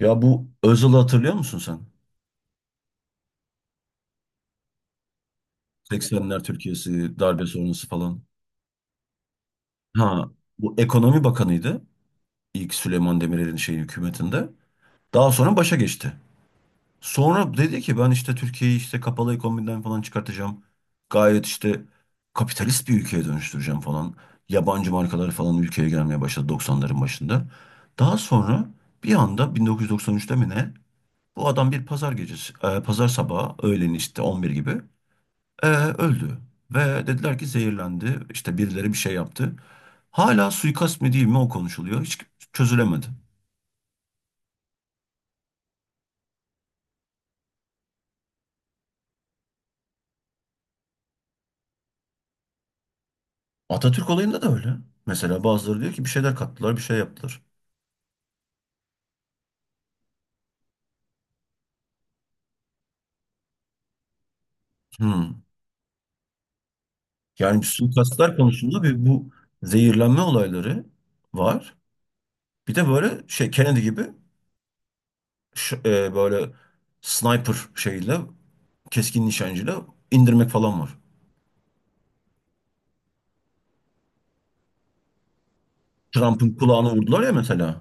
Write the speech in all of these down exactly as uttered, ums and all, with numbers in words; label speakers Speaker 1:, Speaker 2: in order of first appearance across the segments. Speaker 1: Ya, bu Özal'ı hatırlıyor musun sen? seksenler Türkiye'si, darbe sonrası falan. Ha, bu ekonomi bakanıydı. İlk Süleyman Demirel'in şeyi hükümetinde. Daha sonra başa geçti. Sonra dedi ki ben işte Türkiye'yi işte kapalı ekonomiden falan çıkartacağım. Gayet işte kapitalist bir ülkeye dönüştüreceğim falan. Yabancı markalar falan ülkeye gelmeye başladı doksanların başında. Daha sonra bir anda bin dokuz yüz doksan üçte mi ne? Bu adam bir pazar gecesi, e, pazar sabahı öğlen işte on bir gibi Ee, öldü ve dediler ki zehirlendi. İşte birileri bir şey yaptı. Hala suikast mı değil mi o konuşuluyor. Hiç çözülemedi. Atatürk olayında da öyle. Mesela bazıları diyor ki bir şeyler kattılar, bir şey yaptılar. Hmm. Yani bir suikastlar konusunda bir bu zehirlenme olayları var. Bir de böyle şey Kennedy gibi ş- e, böyle sniper şeyle keskin nişancıyla indirmek falan var. Trump'ın kulağına vurdular ya mesela.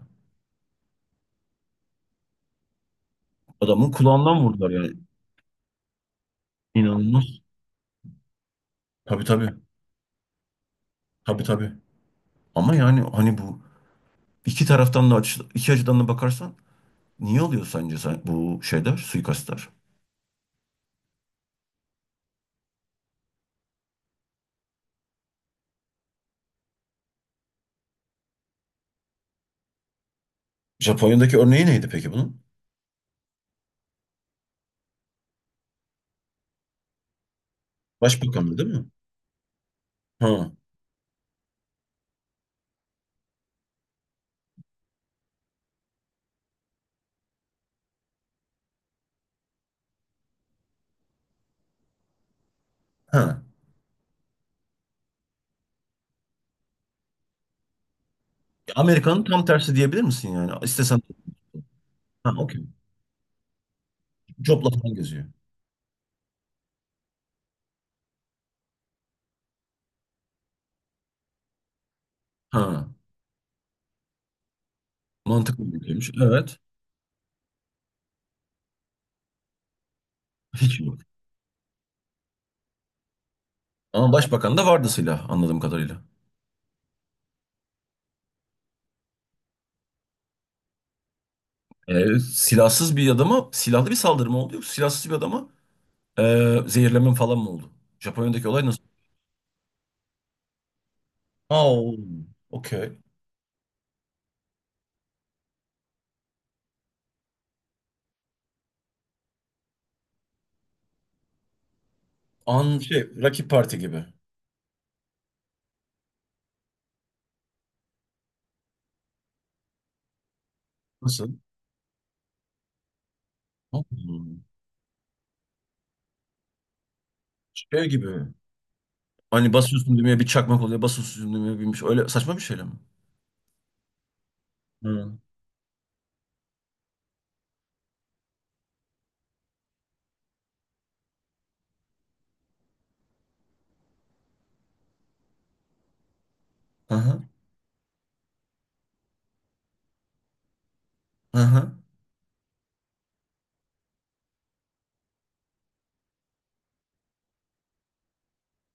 Speaker 1: Adamın kulağından vurdular yani. İnanılmaz. Tabii, tabii. Tabii, tabii. Ama yani hani bu iki taraftan da açı- iki açıdan da bakarsan niye oluyor sence sen- bu şeyler, suikastlar? Japonya'daki örneği neydi peki bunun? Başbakanlığı değil mi? Ha. Ha. Amerika'nın tam tersi diyebilir misin yani? İstesen ha, okey. Copla falan geziyor. Ha. Mantıklı bir şeymiş. Evet. Hiç yok. Ama başbakan da vardı silah anladığım kadarıyla. Ee, silahsız bir adama silahlı bir saldırı mı oldu yoksa silahsız bir adama ee, zehirleme falan mı oldu? Japonya'daki olay nasıl? Aa, okey. An şey rakip parti gibi. Nasıl? Hmm. Şey gibi. Hani basıyorsun düğmeye bir çakmak oluyor. Basıyorsun düğmeye binmiş. Öyle saçma bir şeyle mi? Hı. Aha, aha.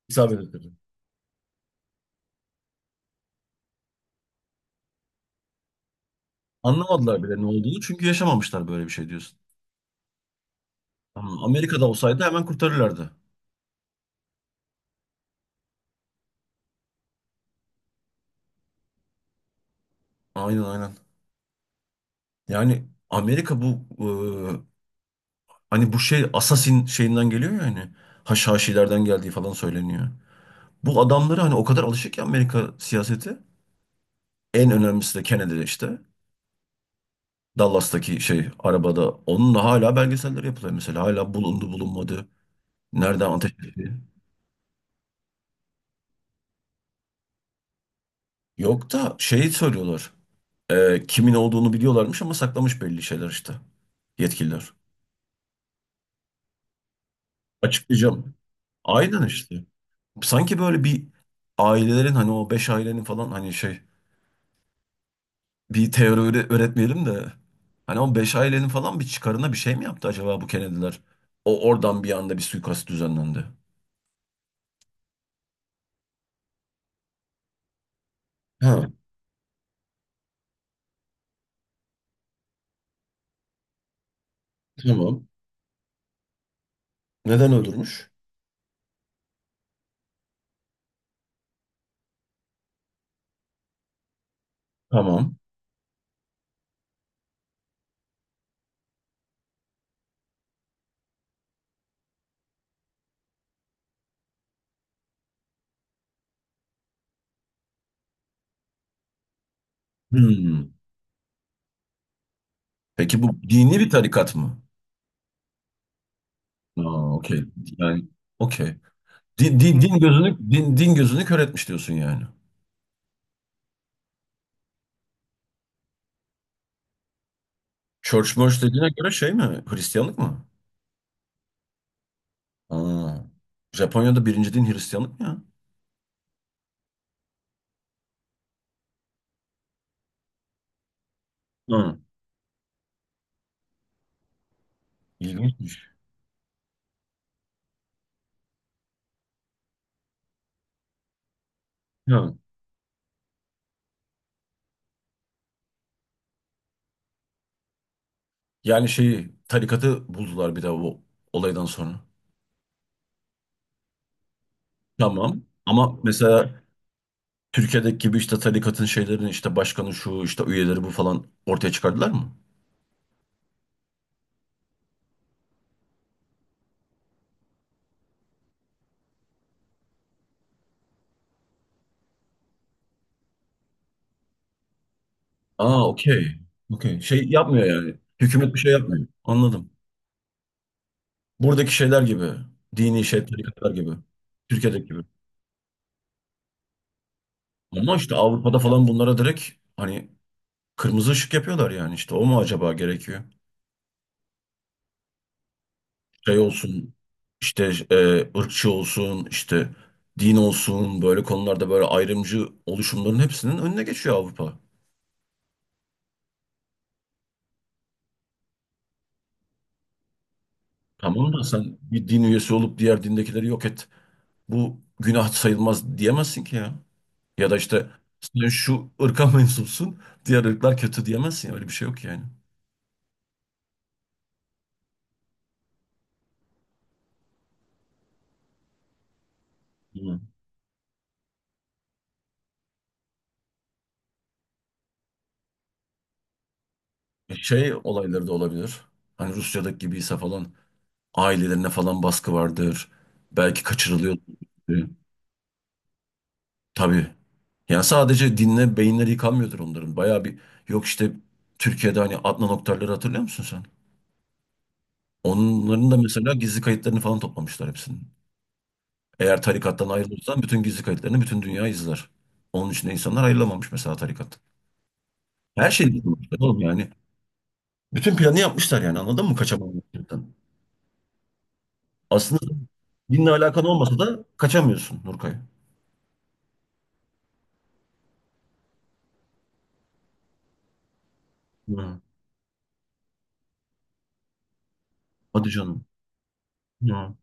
Speaker 1: İsabet ettirdim. Anlamadılar bile ne olduğunu çünkü yaşamamışlar böyle bir şey diyorsun. Ama Amerika'da olsaydı hemen kurtarırlardı. Aynen, aynen. Yani Amerika bu e, hani bu şey Assassin şeyinden geliyor ya, hani Haşhaşilerden geldiği falan söyleniyor. Bu adamları hani o kadar alışık ki Amerika siyaseti. En önemlisi de Kennedy işte. Dallas'taki şey arabada. Onun da hala belgeseller yapılıyor mesela. Hala bulundu bulunmadı. Nereden ateş etti? Yok, da şeyi söylüyorlar. Ee, kimin olduğunu biliyorlarmış ama saklamış belli şeyler işte. Yetkililer. Açıklayacağım. Aynen işte. Sanki böyle bir ailelerin hani o beş ailenin falan hani şey bir teori öğre- öğretmeyelim de hani o beş ailenin falan bir çıkarına bir şey mi yaptı acaba bu Kennedy'ler? O oradan bir anda bir suikast düzenlendi. Ha, tamam. Neden öldürmüş? Tamam. Hmm. Peki bu dini bir tarikat mı? Aa, okey. Yani okey. Din, din, din gözünü din, din gözünü kör etmiş diyorsun yani. Church Merch dediğine göre şey mi? Hristiyanlık mı? Aa. Japonya'da birinci din Hristiyanlık mı ya? Hı. İlginçmiş. Hı. Yani şeyi tarikatı buldular bir de o olaydan sonra. Tamam. Ama mesela Türkiye'deki gibi işte tarikatın şeylerini işte başkanı şu işte üyeleri bu falan ortaya çıkardılar mı? Aa, okey. Okey. Şey yapmıyor yani. Hükümet bir şey yapmıyor. Anladım. Buradaki şeyler gibi. Dini şey, tarikatlar gibi. Türkiye'deki gibi. Ama işte Avrupa'da falan bunlara direkt hani kırmızı ışık yapıyorlar yani, işte o mu acaba gerekiyor? Şey olsun işte e, ırkçı olsun işte din olsun böyle konularda böyle ayrımcı oluşumların hepsinin önüne geçiyor Avrupa. Tamam da sen bir din üyesi olup diğer dindekileri yok et. Bu günah sayılmaz diyemezsin ki ya. Ya da işte sen şu ırka mensupsun, diğer ırklar kötü diyemezsin ya. Öyle bir şey yok yani. Hı. Şey olayları da olabilir. Hani Rusya'daki gibiyse falan ailelerine falan baskı vardır. Belki kaçırılıyor. Tabii. Yani sadece dinle beyinleri yıkanmıyordur onların. Bayağı bir yok işte Türkiye'de hani Adnan Oktar'ları hatırlıyor musun sen? Onların da mesela gizli kayıtlarını falan toplamışlar hepsinin. Eğer tarikattan ayrılırsan bütün gizli kayıtlarını bütün dünya izler. Onun için de insanlar ayrılamamış mesela tarikat. Her şeyi düşünmüşler oğlum yani. Bütün planı yapmışlar yani anladın mı kaçamayacaktan. Aslında dinle alakan olmasa da kaçamıyorsun Nurkay. Hı. Hadi canım. Hı.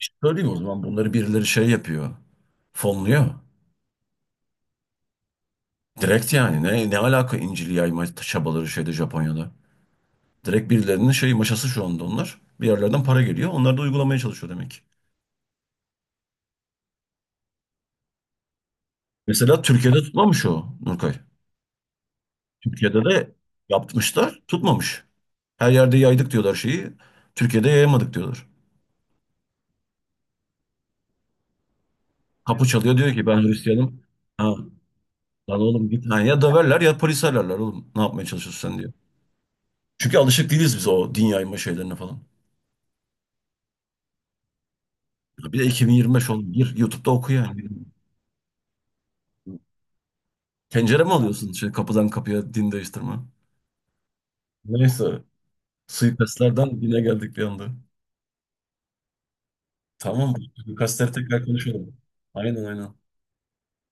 Speaker 1: İşte söyleyeyim o zaman, bunları birileri şey yapıyor. Fonluyor. Direkt yani, ne ne alaka İncil'i yayma çabaları şeyde Japonya'da. Direkt birilerinin şey maşası şu anda onlar. Bir yerlerden para geliyor. Onlar da uygulamaya çalışıyor demek ki. Mesela Türkiye'de tutmamış o Nurkay. Türkiye'de de yapmışlar, tutmamış. Her yerde yaydık diyorlar şeyi. Türkiye'de yayamadık diyorlar. Kapı çalıyor diyor ki ben Hristiyanım. Ha, lan oğlum git. Ha, ya döverler ya polis ararlar oğlum. Ne yapmaya çalışıyorsun sen diyor. Çünkü alışık değiliz biz o din yayma şeylerine falan. Ya bir de iki bin yirmi beş oğlum. Gir YouTube'da oku yani. Tencere mi alıyorsun? Şey, kapıdan kapıya din değiştirme. Neyse. Suikastlardan dine geldik bir anda. Tamam. Suikastları tekrar konuşalım. Aynen, aynen.